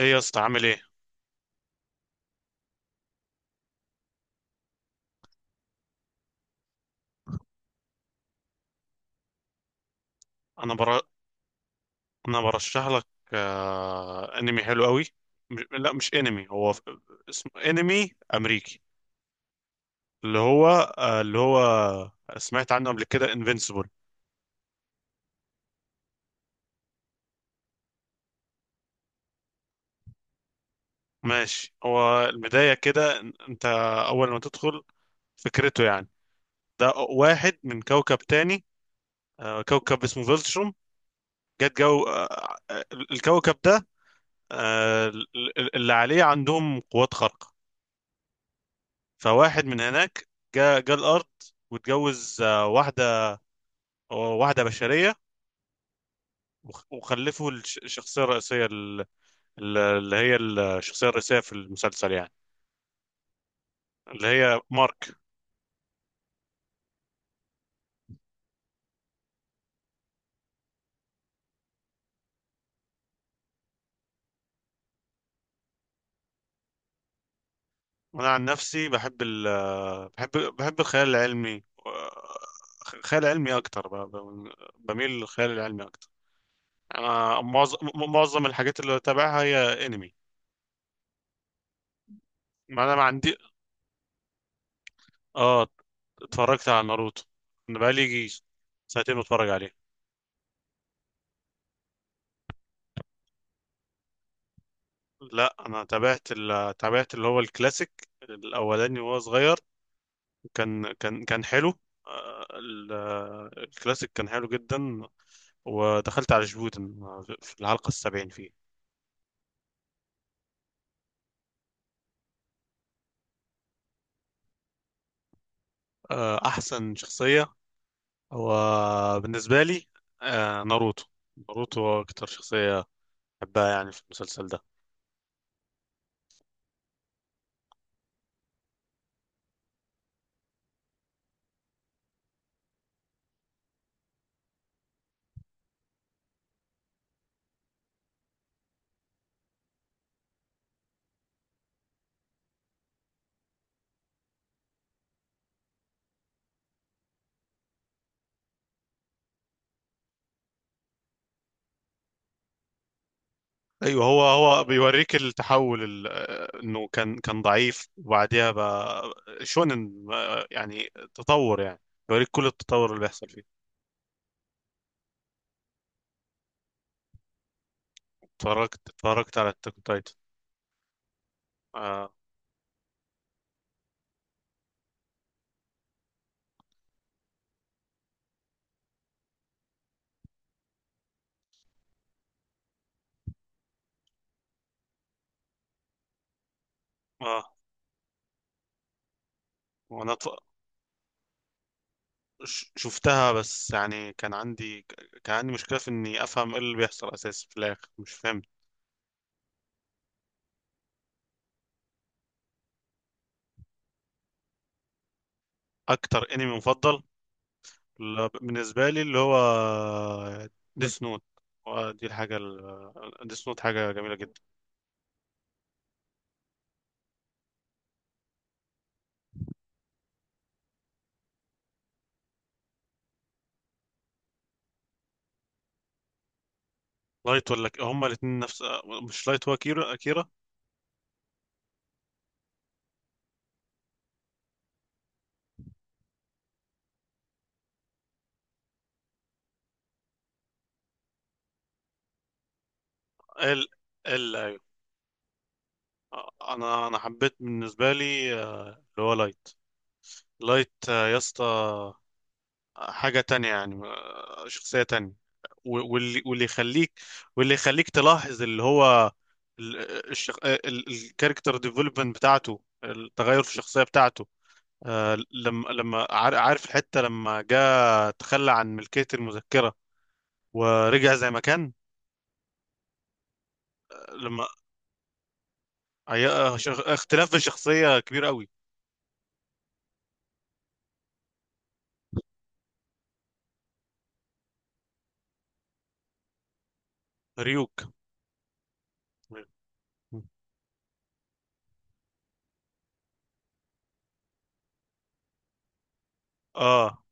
ايه يا اسطى، عامل ايه؟ انا بر... انا برشح لك. انمي حلو قوي. مش... لا، مش انمي، اسمه انمي امريكي، اللي هو، آه... اللي هو سمعت عنه قبل كده، انفينسيبل. ماشي، هو البداية كده، انت اول ما تدخل فكرته، يعني ده واحد من كوكب تاني. كوكب اسمه فيلتروم. جت جو آه... آه، الكوكب ده، اللي عليه عندهم قوات خارقة. فواحد من هناك جاء الارض، واتجوز واحده بشريه. وخلفوا الشخصيه الرئيسيه، اللي هي الشخصيه الرئيسيه في المسلسل، يعني اللي هي مارك. وانا عن نفسي بحب ال آه، بحب الخيال العلمي، خيال علمي اكتر، بميل للخيال العلمي اكتر. انا معظم الحاجات اللي بتابعها هي انمي. ما انا ما عندي. اه. اتفرجت على ناروتو. انا بقالي يجي سنتين بتفرج عليه. لا، انا تابعت اللي هو الكلاسيك الاولاني وهو صغير. كان حلو. الكلاسيك كان حلو جدا. ودخلت على جبوتن في الحلقة السبعين فيه. احسن شخصية هو بالنسبة لي، ناروتو. ناروتو هو اكتر شخصية بحبها، يعني في المسلسل ده. ايوه، هو بيوريك التحول، انه كان ضعيف، وبعديها بقى شونن، يعني تطور، يعني بيوريك كل التطور اللي بيحصل فيه. اتفرجت على التاك تايتن. اه، اه. وانا شفتها، بس يعني كان عندي مشكله في اني افهم ايه اللي بيحصل اساسا، في الاخر مش فاهم. اكتر انمي مفضل بالنسبه لي اللي هو ديس نوت. دي الحاجه، ديس نوت حاجه جميله جدا. لايت ولا هما الاثنين نفس، مش لايت، هو كيرا، كيرا. ال ال ايوه. انا حبيت بالنسبه لي، اللي هو لايت. لايت، يا اسطى، حاجه تانية يعني، شخصيه تانية، و- واللي واللي يخليك واللي يخليك تلاحظ اللي هو، ال- الكاركتر ديفلوبمنت بتاعته، التغير في الشخصيه بتاعته. لما عارف الحته، لما جاء تخلى عن ملكيه المذكره، ورجع زي ما كان. لما هي اختلاف في الشخصية كبير قوي. ريوك. اه،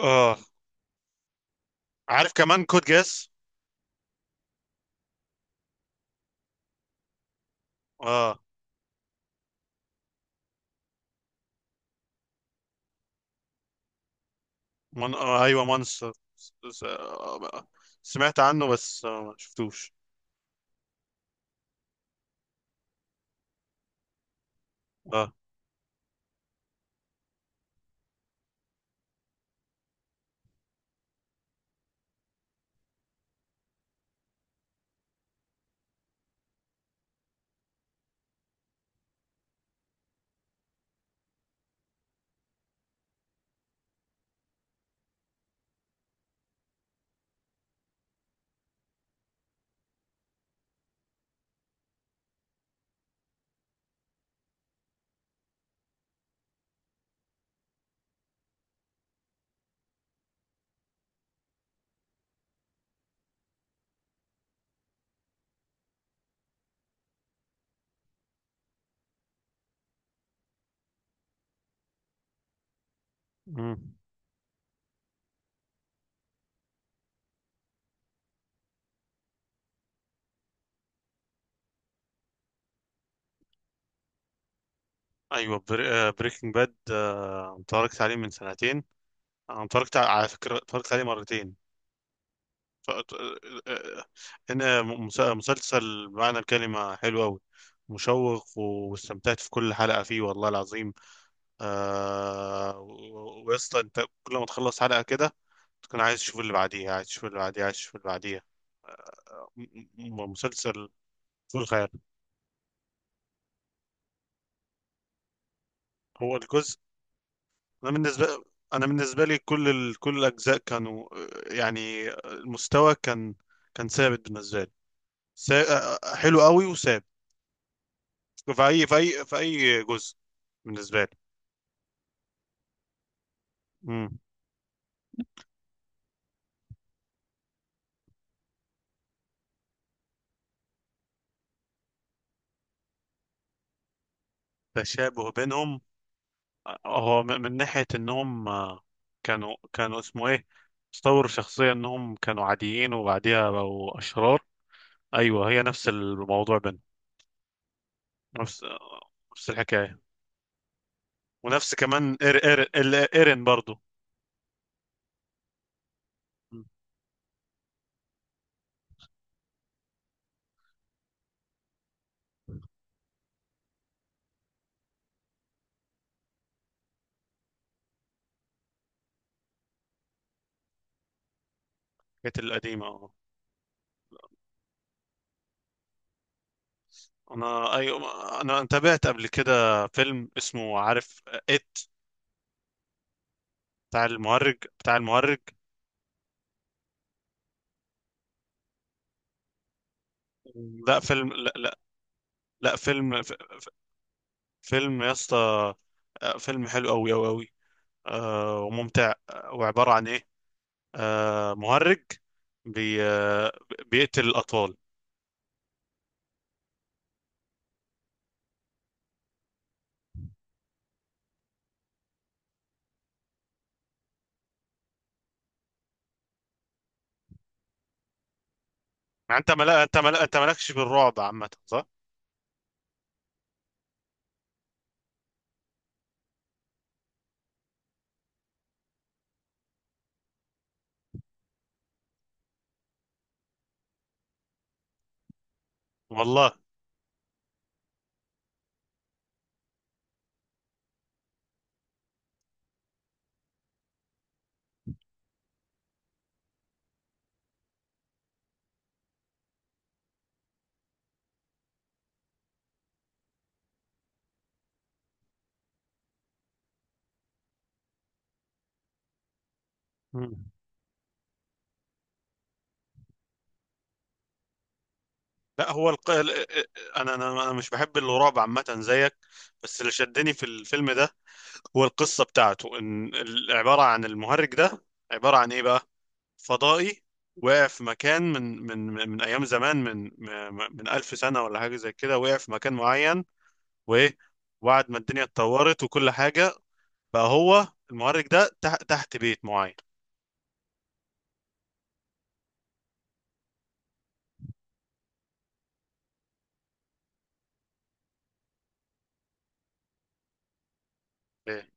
اه. عارف كمان كود جاس. اه. من... آه ايوه، مانس، س- س- آه، سمعت عنه بس، ما شفتوش. اه. مم. ايوه، بريكنج باد، اتفرجت عليه من سنتين. انا اتفرجت على، على فكرة اتفرجت عليه مرتين. ف... آه، آه، هنا مسلسل بمعنى الكلمة حلو قوي، مشوق، واستمتعت في كل حلقة فيه والله العظيم. ويا اسطى، انت كل ما تخلص حلقة كده، تكون عايز تشوف اللي بعديها، عايز تشوف اللي بعديها، عايز تشوف اللي بعديها. مسلسل فوق الخيال. هو الجزء انا بالنسبة انا بالنسبة لي كل الاجزاء كانوا، يعني، المستوى كان ثابت بالنسبة لي. سا... آه، آه، حلو قوي وثابت، في اي جزء بالنسبة لي. مم. تشابه بينهم. هو، من ناحية انهم، كانوا، اسمه ايه، استوروا شخصية انهم كانوا عاديين، وبعديها بقوا اشرار. ايوه، هي نفس الموضوع بينهم، نفس آه، نفس الحكاية، ونفس كمان، ايرين برضو. م، كانت القديمة. اه. انا، ايوه، انا تابعت قبل كده فيلم اسمه، عارف، ات بتاع المهرج، بتاع المهرج. لا، فيلم. لا، لا. لا، فيلم يا اسطى. فيلم حلو قوي قوي قوي، وممتع، وعبارة عن إيه، مهرج بي آه، بيقتل الأطفال. يعني أنت مالكش في الرعب عامة، صح؟ والله. مم. لا، هو الق... ال- ال- أنا مش بحب الرعب عامة زيك، بس اللي شدني في الفيلم ده هو القصة بتاعته، عبارة عن المهرج ده، عبارة عن إيه بقى؟ فضائي وقع في مكان من أيام زمان، من ألف سنة ولا حاجة زي كده، وقع في مكان معين. وايه؟ وبعد ما الدنيا اتطورت وكل حاجه، بقى هو المعرج ده تحت تحت بيت معين. ايه.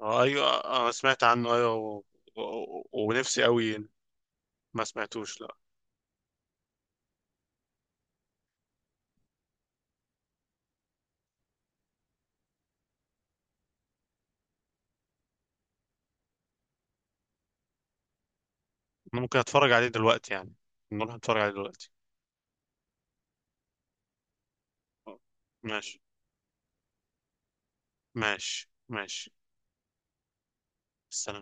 اه. ايوه، انا سمعت عنه، ايوه، ونفسي قوي. ما سمعتوش، لا. أنا ممكن اتفرج عليه دلوقتي يعني، نروح نتفرج عليه دلوقتي. آه. ماشي، ماشي، ماشي. السلام.